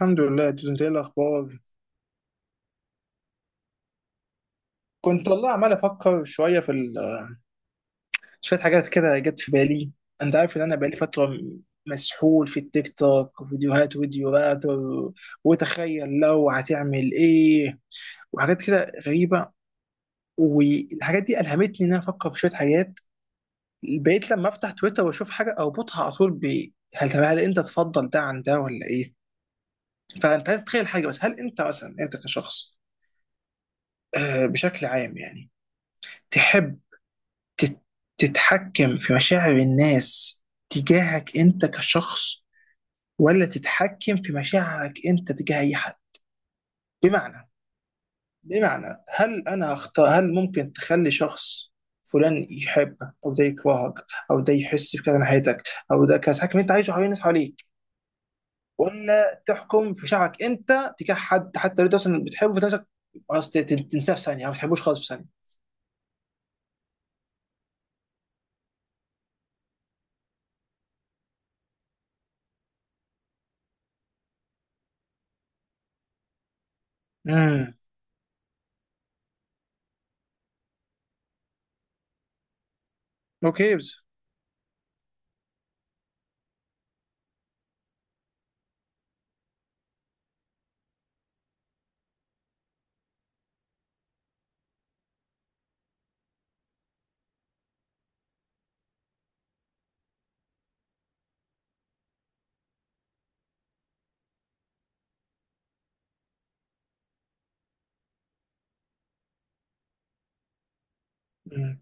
الحمد لله دوز. انت ايه الاخبار؟ كنت والله عمال افكر شويه شويه حاجات كده جت في بالي. انت عارف ان انا بقالي فتره مسحول في التيك توك، وفيديوهات وتخيل لو هتعمل ايه، وحاجات كده غريبه. والحاجات دي الهمتني ان انا افكر في شويه حاجات. بقيت لما افتح تويتر واشوف حاجه اربطها على طول ب طب هل انت تفضل ده عن ده ولا ايه. فانت تخيل حاجه، بس هل انت مثلا كشخص، بشكل عام يعني، تحب تت- تتحكم في مشاعر الناس تجاهك انت كشخص، ولا تتحكم في مشاعرك انت تجاه اي حد؟ بمعنى، هل انا اختار هل ممكن تخلي شخص فلان يحبك او ده يكرهك او ده يحس بكده ناحيتك او ده كذا، تحكم انت عايشه حوالين الناس حواليك، ولا تحكم في شعرك انت تجاه حد، حتى لو انت اصلا بتحبه في نفسك خلاص تنساه في ثانيه او ما تحبوش خالص في ثانيه. امم اوكي بس. امم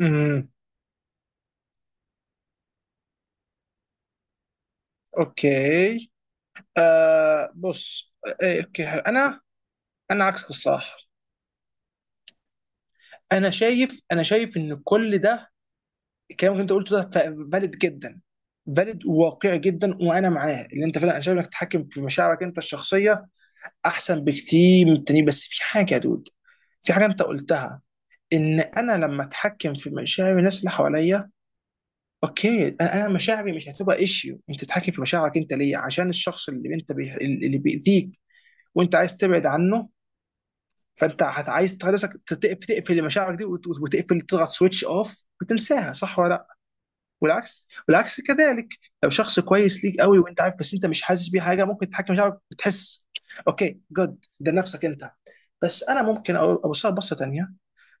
امم اوكي. آه، بص. آه، آه، اوكي، حلو. انا عكسك الصراحه. انا شايف ان كل ده الكلام اللي انت قلته ده فاليد جدا، فاليد وواقعي جدا، وانا معاه. اللي انت فعلا، انا شايف انك تتحكم في مشاعرك انت الشخصيه احسن بكتير من التانيين، بس في حاجه يا دود. في حاجه انت قلتها ان انا لما اتحكم في مشاعر الناس اللي حواليا، اوكي، أنا مشاعري مش هتبقى ايشيو. انت تتحكم في مشاعرك انت ليه؟ عشان الشخص اللي انت اللي بيأذيك وانت عايز تبعد عنه، فانت عايز تخلي نفسك تقفل، مشاعرك دي وتقفل، تضغط سويتش اوف وتنساها، صح ولا لا؟ والعكس، كذلك. لو شخص كويس ليك قوي وانت عارف، بس انت مش حاسس بيه حاجه، ممكن تتحكم مشاعرك وتحس. اوكي، جود، ده نفسك انت. بس انا ممكن اوصلها بصه تانيه،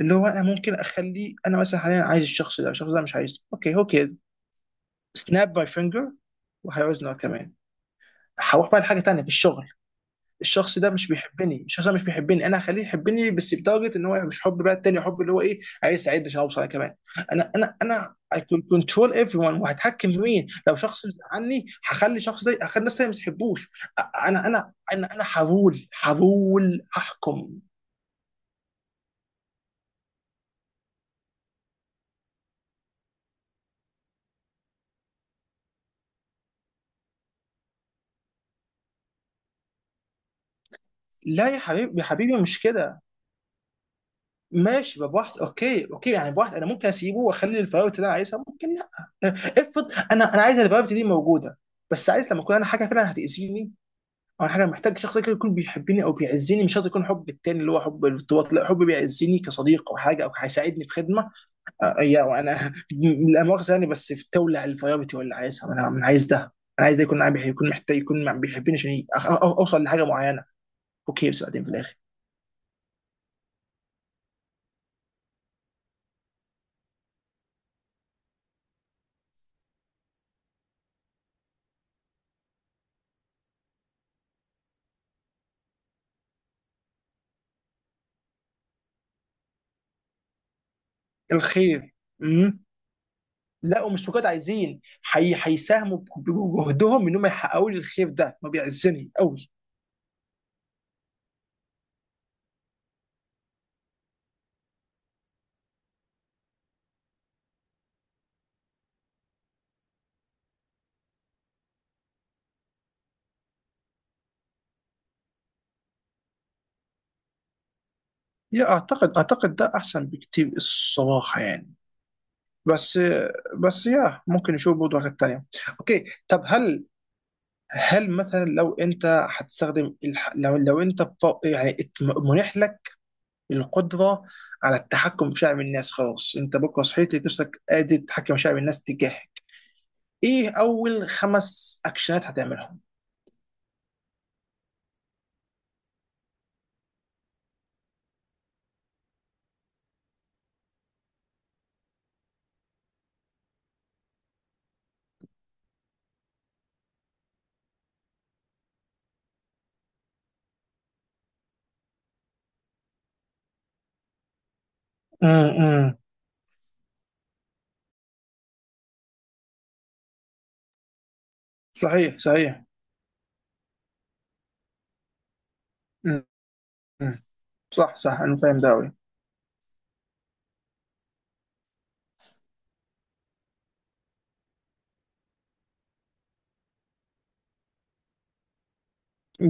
اللي هو انا ممكن اخلي انا مثلا حاليا عايز الشخص ده، الشخص ده مش عايزه. اوكي، اوكي. سناب ماي فينجر، وهيعوزنا كمان. هروح بقى لحاجه تانيه في الشغل. الشخص ده مش بيحبني، الشخص ده مش بيحبني، انا هخليه يحبني، بس بتارجت ان هو مش حب بقى التاني، حب اللي هو ايه، عايز يساعدني عشان اوصل انا كمان. انا I can control everyone. وهتحكم في مين؟ لو شخص عني، هخلي الشخص ده، هخلي الناس تانية ما تحبوش. انا هرول هحكم. لا يا حبيبي، يا حبيبي، مش كده. ماشي، بواحد. اوكي، اوكي، يعني بواحد انا ممكن اسيبه واخلي الفراغات اللي انا عايزها ممكن. لا، افرض انا عايز الفراغات دي موجوده، بس عايز لما اكون انا حاجه فعلا هتاذيني. اول حاجه، محتاج شخص كده يكون بيحبني او بيعزني، مش شرط يكون حب التاني اللي هو حب الارتباط، لا، حب بيعزني كصديق او حاجه، او هيساعدني في خدمه. وانا لا مؤاخذه يعني بس في تولع الفيابتي ولا عايزها. أنا عايز ده. انا عايز ده يكون معايا يكون محتاج، بيحبني عشان اوصل لحاجه معينه. اوكي بس بعدين في الاخر الخير. امم لا، ومش فقط عايزين هيساهموا بجهدهم انهم يحققوا لي الخير ده، ما بيعزني قوي. اعتقد ده احسن بكتير الصراحه يعني. بس بس ممكن نشوف برضه حاجات تانية. اوكي، طب هل مثلا لو انت هتستخدم لو انت منح لك القدرة على التحكم في شعب الناس، خلاص، انت بكره صحيت لقيت نفسك قادر تتحكم في شعب الناس تجاهك، ايه اول 5 اكشنات هتعملهم؟ امم صحيح، أمم، أمم. صح، انا فاهم ده قوي.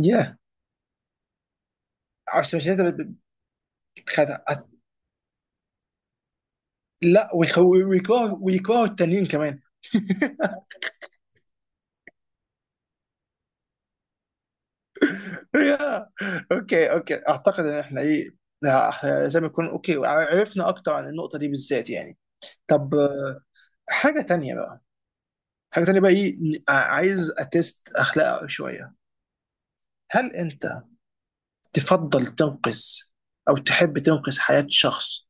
ياه. عشان مش انت بتخدع. لا ويكرهوا التانيين كمان. يا. اوكي، اعتقد ان احنا ايه، لا، إحنا زي ما يكون اوكي، عرفنا اكتر عن النقطه دي بالذات يعني. طب، حاجه تانية بقى. ايه، عايز اتست اخلاقك شويه. هل انت تفضل تنقذ، او تحب تنقذ حياه شخص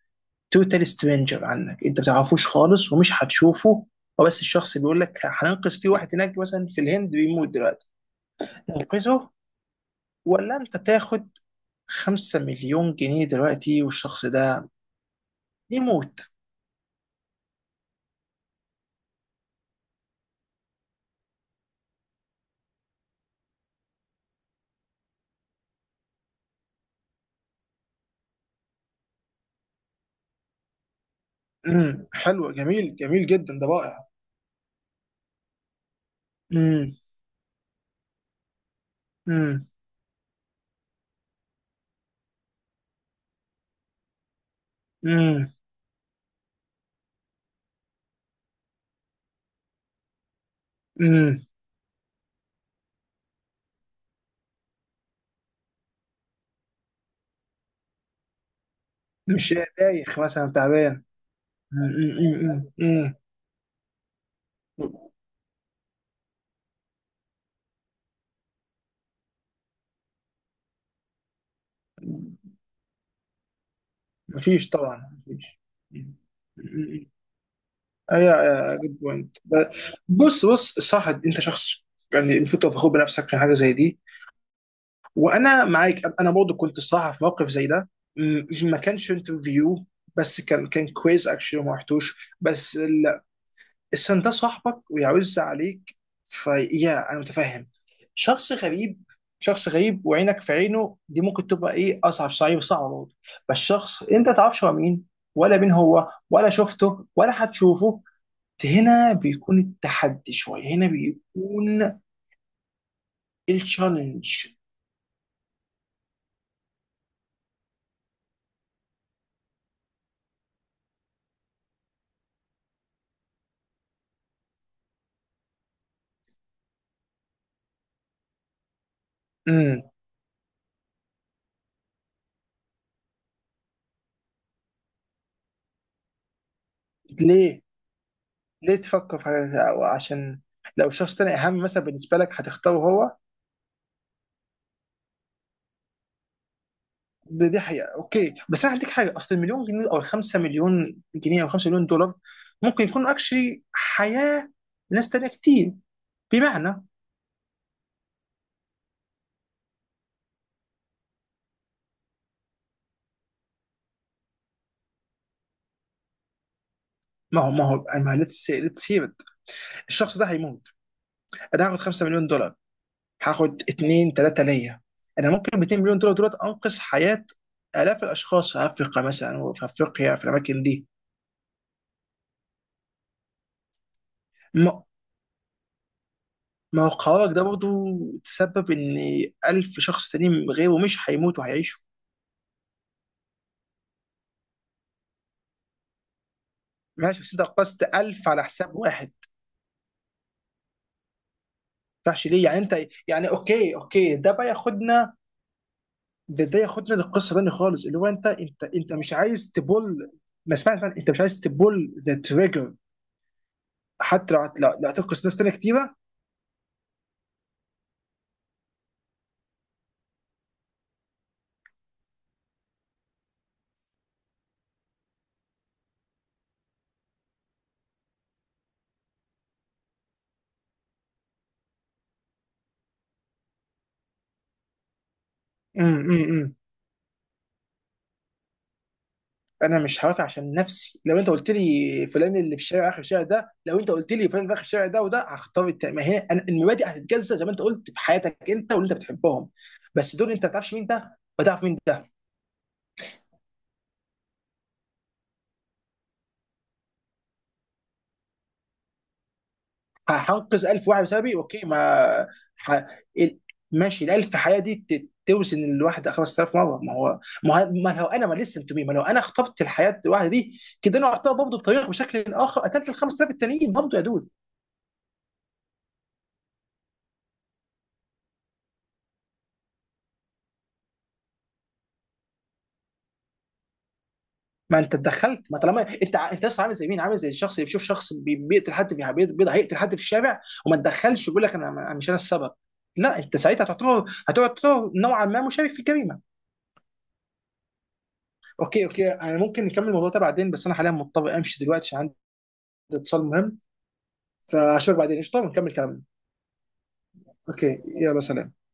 توتال سترينجر عنك، انت ما تعرفوش خالص ومش هتشوفه، هو بس الشخص بيقول لك هننقذ في واحد هناك مثلا في الهند بيموت دلوقتي، ننقذه، ولا انت تاخد 5 مليون جنيه دلوقتي والشخص ده يموت؟ حلو، جميل، جدا، ده رائع. امم امم امم امم، مش دايخ مثلا، تعبان؟ مم، مم. مفيش طبعا مفيش. مم، مم. ايوه، يا جود بوينت. بص بص. صح، انت شخص يعني المفروض تبقى فخور بنفسك في حاجه زي دي، وانا معاك. انا برضه كنت الصراحه في موقف زي ده، مم، ما كانش انترفيو، بس كان كويز اكشلي ما رحتوش بس. السن ده صاحبك ويعز عليك، فيا انا متفهم. شخص غريب. شخص غريب وعينك في عينه دي ممكن تبقى ايه، اصعب، صعب برضه. بس شخص انت ما تعرفش هو مين، ولا مين هو، ولا شفته ولا هتشوفه، هنا بيكون التحدي شويه، هنا بيكون التشالنج. امم ليه، تفكر في عشان لو شخص تاني اهم مثلا بالنسبه لك هتختاره هو. دي حقيقة، اوكي، بس انا هديك حاجة، اصل المليون جنيه او الـ5 مليون جنيه او 5 مليون دولار ممكن يكون اكشلي حياة ناس تانية كتير. بمعنى، ما ليتس، الشخص ده هيموت، انا هاخد 5 مليون دولار، هاخد 2 3 ليا، انا ممكن ب 2 مليون دولار انقذ حياة الاف الاشخاص في افريقيا مثلا، وفي افريقيا في الاماكن دي. ما ما هو قرارك ده برضه تسبب ان 1000 شخص تانيين غيره مش هيموتوا، هيعيشوا. ماشي، بس انت قصت 1000 على حساب واحد. تفتحش ليه يعني انت؟ يعني اوكي، ده بقى ياخدنا. ده ياخدنا للقصه تاني خالص، اللي هو انت مش عايز تبول. ما اسمعني، انت مش عايز تبول ذا تريجر. حتى لو لو هتنقص ناس تانيه كتيره. امم. انا مش هوافق، عشان نفسي لو انت قلت لي فلان اللي في الشارع اخر الشارع ده، لو انت قلت لي فلان اللي في اخر الشارع ده وده، هختار ما هي المبادئ هتتجزأ زي ما انت قلت في حياتك انت واللي انت بتحبهم. بس دول انت ما بتعرفش مين ده، ما تعرف مين ده. هنقذ 1000 واحد بسببي اوكي، ما ح... ال- ماشي، ال 1000 حياه دي توزن الواحد 5000 مره. ما هو ما لو انا خطفت الحياه الواحده دي، كده انا اعتبر برضه بطريقه بشكل اخر قتلت ال 5000 التانيين برضه يا دود. ما انت اتدخلت. ما طالما انت انت لسه عامل زي مين، عامل زي الشخص اللي بيشوف شخص بيقتل حد في هيقتل حد في الشارع وما تدخلش، ويقول لك أنا مش انا السبب. لا، انت ساعتها هتعتبر، نوعا ما مشارك في الجريمه. اوكي، انا ممكن نكمل الموضوع ده بعدين، بس انا حاليا مضطر امشي دلوقتي عشان اتصال مهم. فاشوفك بعدين قشطه، ونكمل كلامنا. اوكي، يلا سلام.